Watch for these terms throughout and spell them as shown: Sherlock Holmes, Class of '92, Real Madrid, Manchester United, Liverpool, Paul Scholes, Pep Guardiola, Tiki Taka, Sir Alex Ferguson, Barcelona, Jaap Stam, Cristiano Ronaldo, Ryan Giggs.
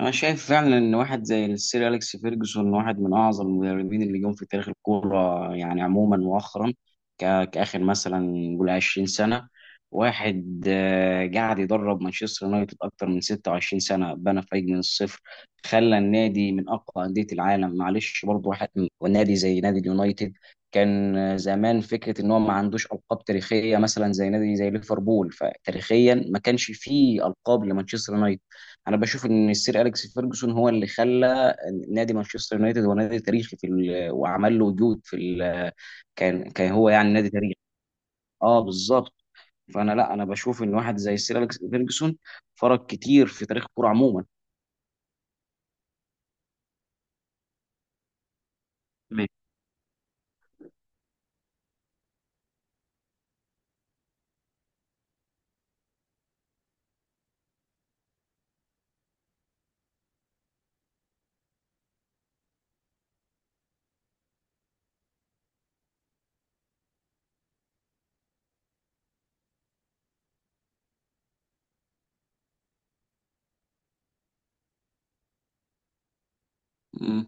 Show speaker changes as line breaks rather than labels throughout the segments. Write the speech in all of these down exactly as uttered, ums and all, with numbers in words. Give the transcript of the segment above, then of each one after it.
انا شايف فعلا ان واحد زي السير اليكس فيرجسون واحد من اعظم المدربين اللي جم في تاريخ الكوره يعني عموما مؤخرا، ك- كاخر مثلا نقول عشرين سنه. واحد آه، قاعد يدرب مانشستر يونايتد اكتر من ستة وعشرين سنه، بنى فريق من الصفر، خلى النادي من اقوى انديه العالم. معلش، برضه واحد نادي زي نادي اليونايتد كان آه، زمان فكره ان هو ما عندوش القاب تاريخيه مثلا زي نادي زي ليفربول، فتاريخيا ما كانش فيه القاب لمانشستر يونايتد. انا بشوف ان السير اليكس فيرجسون هو اللي خلى نادي مانشستر يونايتد هو نادي تاريخي في ال... وعمل له وجود في ال... كان كان هو يعني نادي تاريخي. اه بالظبط. فانا لا انا بشوف ان واحد زي السير اليكس فيرجسون فرق كتير في تاريخ الكوره عموما. تمام.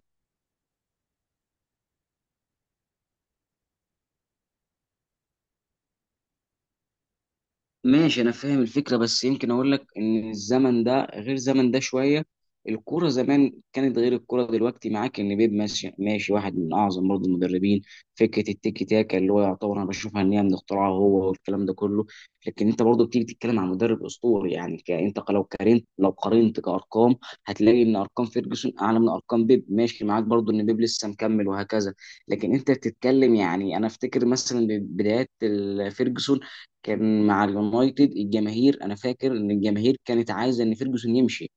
ماشي، انا فاهم الفكره بس يمكن اقول لك ان الزمن ده غير زمن ده شويه. الكوره زمان كانت غير الكوره دلوقتي. معاك ان بيب ماشي ماشي واحد من اعظم برضه المدربين. فكره التيكي تاكا اللي هو يعتبر، انا بشوفها ان هي من اختراعه هو والكلام ده كله. لكن انت برضه بتيجي تتكلم عن مدرب اسطوري يعني ك... انت ق- لو قارنت لو قارنت كارقام، هتلاقي ان ارقام فيرجسون اعلى من ارقام بيب. ماشي معاك برضه ان بيب لسه مكمل وهكذا. لكن انت بتتكلم، يعني انا افتكر مثلا بدايات ال- فيرجسون كان مع اليونايتد الجماهير، انا فاكر ان الجماهير كانت عايزه ان فيرجسون يمشي.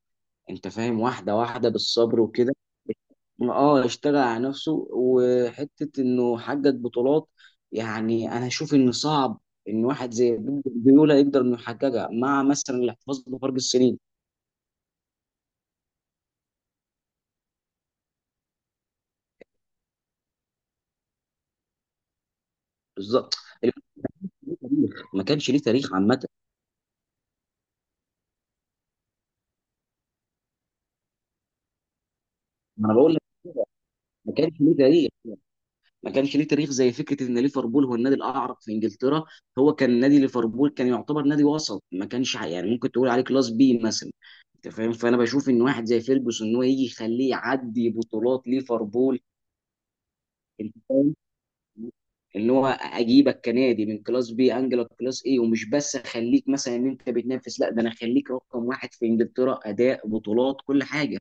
انت فاهم، واحده واحده بالصبر وكده. اه اشتغل على نفسه وحته انه حقق بطولات. يعني انا اشوف ان صعب ان واحد زي بيب جوارديولا يقدر انه يحققها مع مثلا الاحتفاظ بفرق السنين. بالظبط، ما كانش ليه تاريخ عامه. ما انا بقول لك، ما كانش ليه تاريخ، ما كانش ليه تاريخ زي فكره ان ليفربول هو النادي الاعرق في انجلترا. هو كان نادي ليفربول كان يعتبر نادي وسط، ما كانش ح- يعني ممكن تقول عليه كلاس بي مثلا. انت فاهم، فانا بشوف ان واحد زي فيرجسون ان هو يجي يخليه يعدي بطولات ليفربول. انت فاهم ان هو اجيبك كنادي من كلاس بي انجلك كلاس اي، ومش بس اخليك مثلا ان انت بتنافس، لا ده انا اخليك رقم واحد في انجلترا اداء بطولات كل حاجه.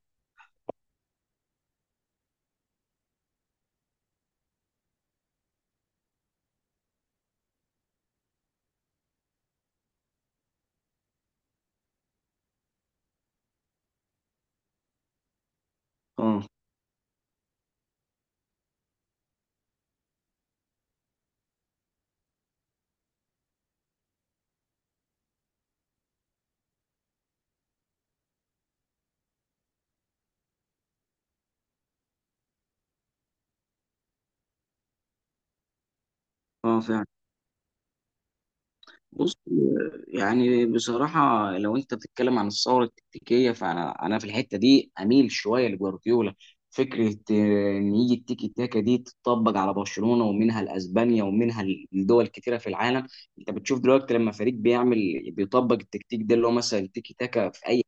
اه. اه فعلا. بص، يعني بصراحة لو أنت بتتكلم عن الثورة التكتيكية فأنا أنا في الحتة دي أميل شوية لجوارديولا. فكرة آه، إن يجي التيكي تاكا دي تطبق على برشلونة ومنها لأسبانيا ومنها لدول كتيرة في العالم. أنت بتشوف دلوقتي لما فريق بيعمل بيطبق التكتيك ده اللي هو مثلا التيكي تاكا في أي،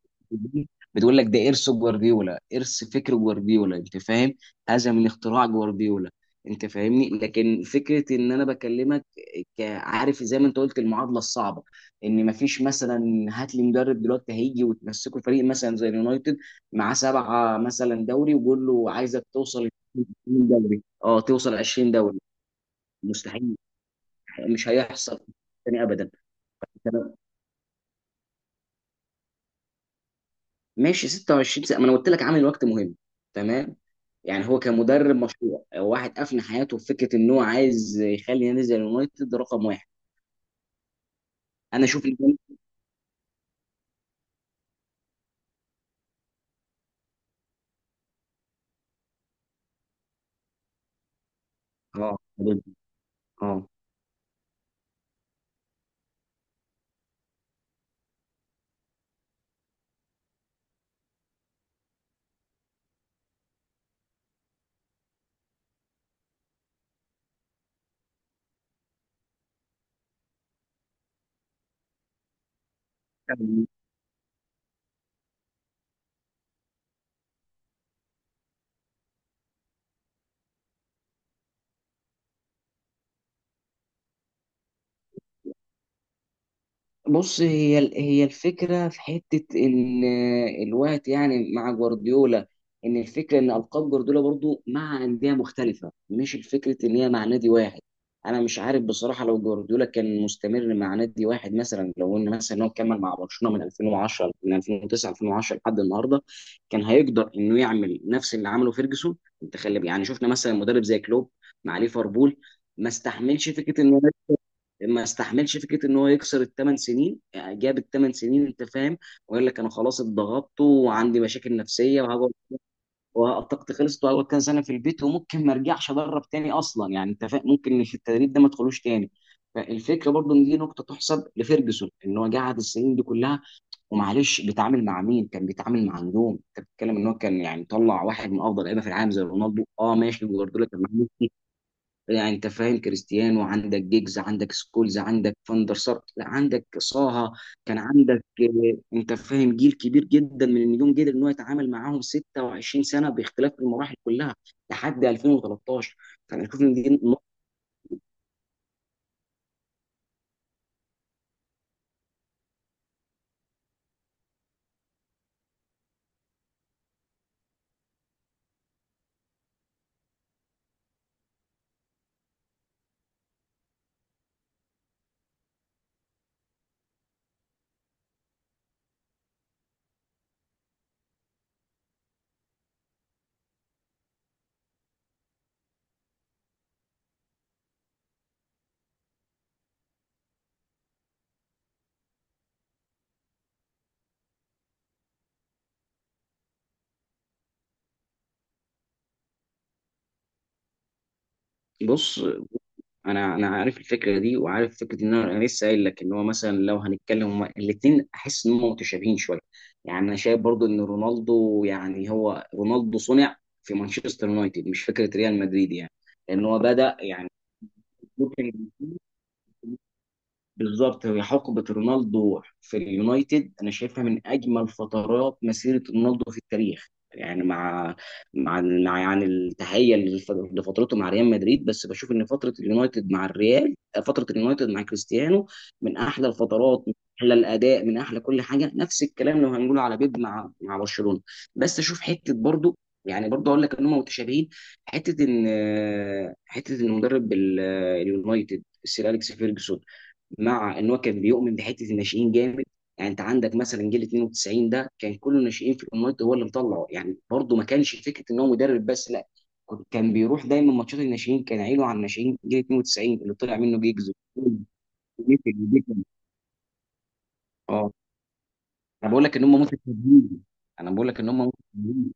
بتقول لك ده إرث جوارديولا، إرث فكر جوارديولا. أنت فاهم، هذا من اختراع جوارديولا. أنت فاهمني. لكن فكرة إن أنا بكلمك، ك- عارف زي ما انت قلت المعادله الصعبه، ان مفيش مثلا، هات لي مدرب دلوقتي هيجي وتمسكه فريق مثلا زي اليونايتد مع سبعه مثلا دوري وقول له عايزك توصل عشرين دوري. اه توصل عشرين دوري. مستحيل، مش هيحصل تاني ابدا. تمام. ماشي ستة وعشرين سنه، ما انا قلت لك عامل وقت مهم. تمام. يعني هو كمدرب مشروع واحد افنى حياته في فكره ان هو عايز يخلي نادي زي اليونايتد رقم واحد. انا اشوف ان اه. اه. بص، هي هي الفكره في حته ال- الوقت يعني مع جوارديولا، ان الفكره ان القاب جوارديولا برضو مع انديه مختلفه، مش الفكره ان هي مع نادي واحد. انا مش عارف بصراحه لو جوارديولا كان مستمر مع نادي واحد، مثلا لو ان مثلا هو كمل مع برشلونه من ألفين وعشرة، من ألفين وتسعة، ألفين وعشرة لحد النهارده، كان هيقدر انه يعمل نفس اللي عمله فيرجسون. انت خلي، يعني شفنا مثلا مدرب زي كلوب مع ليفربول. ما استحملش فكره انه، ما استحملش فكره ان هو يكسر الثمان سنين. يعني جاب الثمان سنين، انت فاهم، وقال لك انا خلاص اتضغطت وعندي مشاكل نفسيه وهقعد، وطاقتي خلصت وهقعد كام سنه في البيت وممكن ما ارجعش ادرب تاني اصلا. يعني انت فاهم ممكن في التدريب ده ما ادخلوش تاني. فالفكره برضو ان دي نقطه تحسب لفيرجسون، ان هو قعد السنين دي كلها. ومعلش، بيتعامل مع مين؟ كان بيتعامل مع نجوم. انت بتتكلم ان هو كان يعني طلع واحد من افضل لعيبه في العالم زي رونالدو. اه ماشي، جوارديولا كان معاه. يعني انت فاهم، كريستيانو عندك، جيجز عندك، سكولز عندك، فاندر سار، لا عندك صاها. كان عندك آه، انت فاهم، جيل كبير جدا من النجوم قدر ان هو يتعامل معاهم ستة وعشرين سنه باختلاف المراحل كلها لحد ألفين وثلاثة عشر. فانا اشوف ان دي نقطة- بص، انا انا عارف الفكره دي، وعارف فكره ان انا أنا لسه قايل لك ان هو مثلا لو هنتكلم الاثنين احس ان هم متشابهين شويه. يعني انا شايف برضو ان رونالدو، يعني هو رونالدو صنع في مانشستر يونايتد مش فكره ريال مدريد، يعني لان هو بدا يعني. ممكن. بالظبط، هي حقبة رونالدو في اليونايتد أنا شايفها من أجمل فترات مسيرة رونالدو في التاريخ. يعني مع مع مع يعني التحية للف- لفترته مع ريال مدريد، بس بشوف إن فترة اليونايتد مع الريال، فترة اليونايتد مع كريستيانو، من أحلى الفترات، من أحلى الأداء، من أحلى كل حاجة. نفس الكلام لو هنقول على بيب مع مع برشلونة. بس أشوف حتة برضو، يعني برضه أقول لك إن هم متشابهين. حتة إن، حتة إن مدرب ال- اليونايتد السير أليكس فيرجسون مع ان هو كان بيؤمن بحته الناشئين جامد. يعني انت عندك مثلا جيل اتنين وتسعين ده كان كله ناشئين في اليونايتد هو اللي مطلعه. يعني برضه ما كانش فكره ان هو مدرب بس، لا، كنت- كان بيروح دايما ماتشات الناشئين، كان عينه على الناشئين. جيل تسعين اللي طلع منه جيجز و- اه. انا بقول لك ان هم متفاهمين. انا بقول لك ان هم متفاهمين.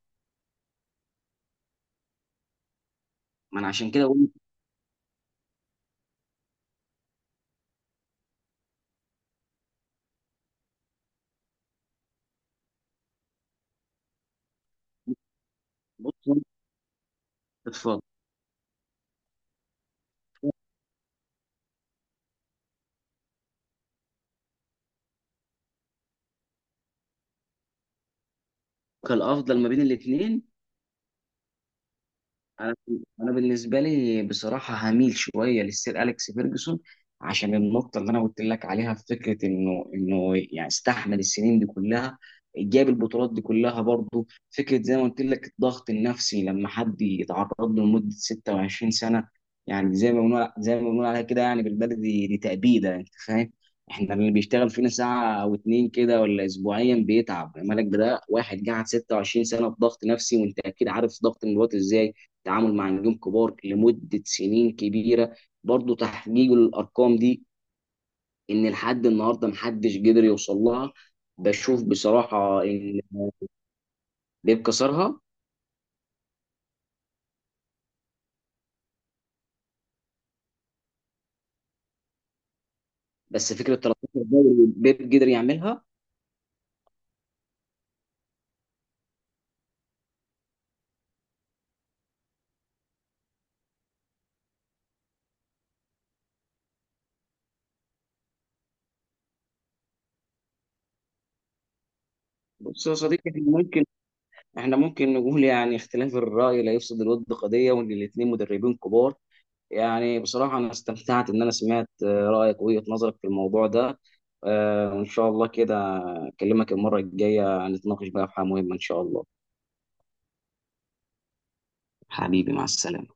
ما انا عشان كده بقول لك. بص. اتفضل. الافضل ما بين الاثنين. انا، انا بالنسبه لي بصراحه هميل شويه للسير اليكس فيرجسون عشان النقطه اللي انا قلت لك عليها في فكره انه انه يعني استحمل السنين دي كلها، جاب البطولات دي كلها. برضه فكره زي ما قلت لك الضغط النفسي لما حد يتعرض له لمده ستة وعشرين سنه، يعني زي ما بنقول زي ما بنقول عليها كده، يعني بالبلدي دي تأبيده. انت فاهم، احنا اللي بيشتغل فينا ساعه او اتنين كده ولا اسبوعيا بيتعب مالك، بده واحد قاعد ستة وعشرين سنه في ضغط نفسي، وانت اكيد عارف ضغط الوقت ازاي. تعامل مع نجوم كبار لمدة سنين كبيرة، برضو تحقيق الأرقام دي إن لحد النهاردة محدش قدر يوصل لها. بشوف بصراحة إن بيب كسرها. بس فكرة تلتاشر دوري بيب قدر يعملها. بص يا صديقي، احنا ممكن، احنا ممكن نقول يعني اختلاف الرأي لا يفسد الود قضية، وإن الاتنين مدربين كبار. يعني بصراحة أنا استمتعت إن أنا سمعت آه، رأيك ووجهة نظرك في الموضوع ده. آه، وإن شاء الله كده أكلمك المرة الجاية نتناقش بقى في حاجة مهمة إن شاء الله. حبيبي، مع السلامة.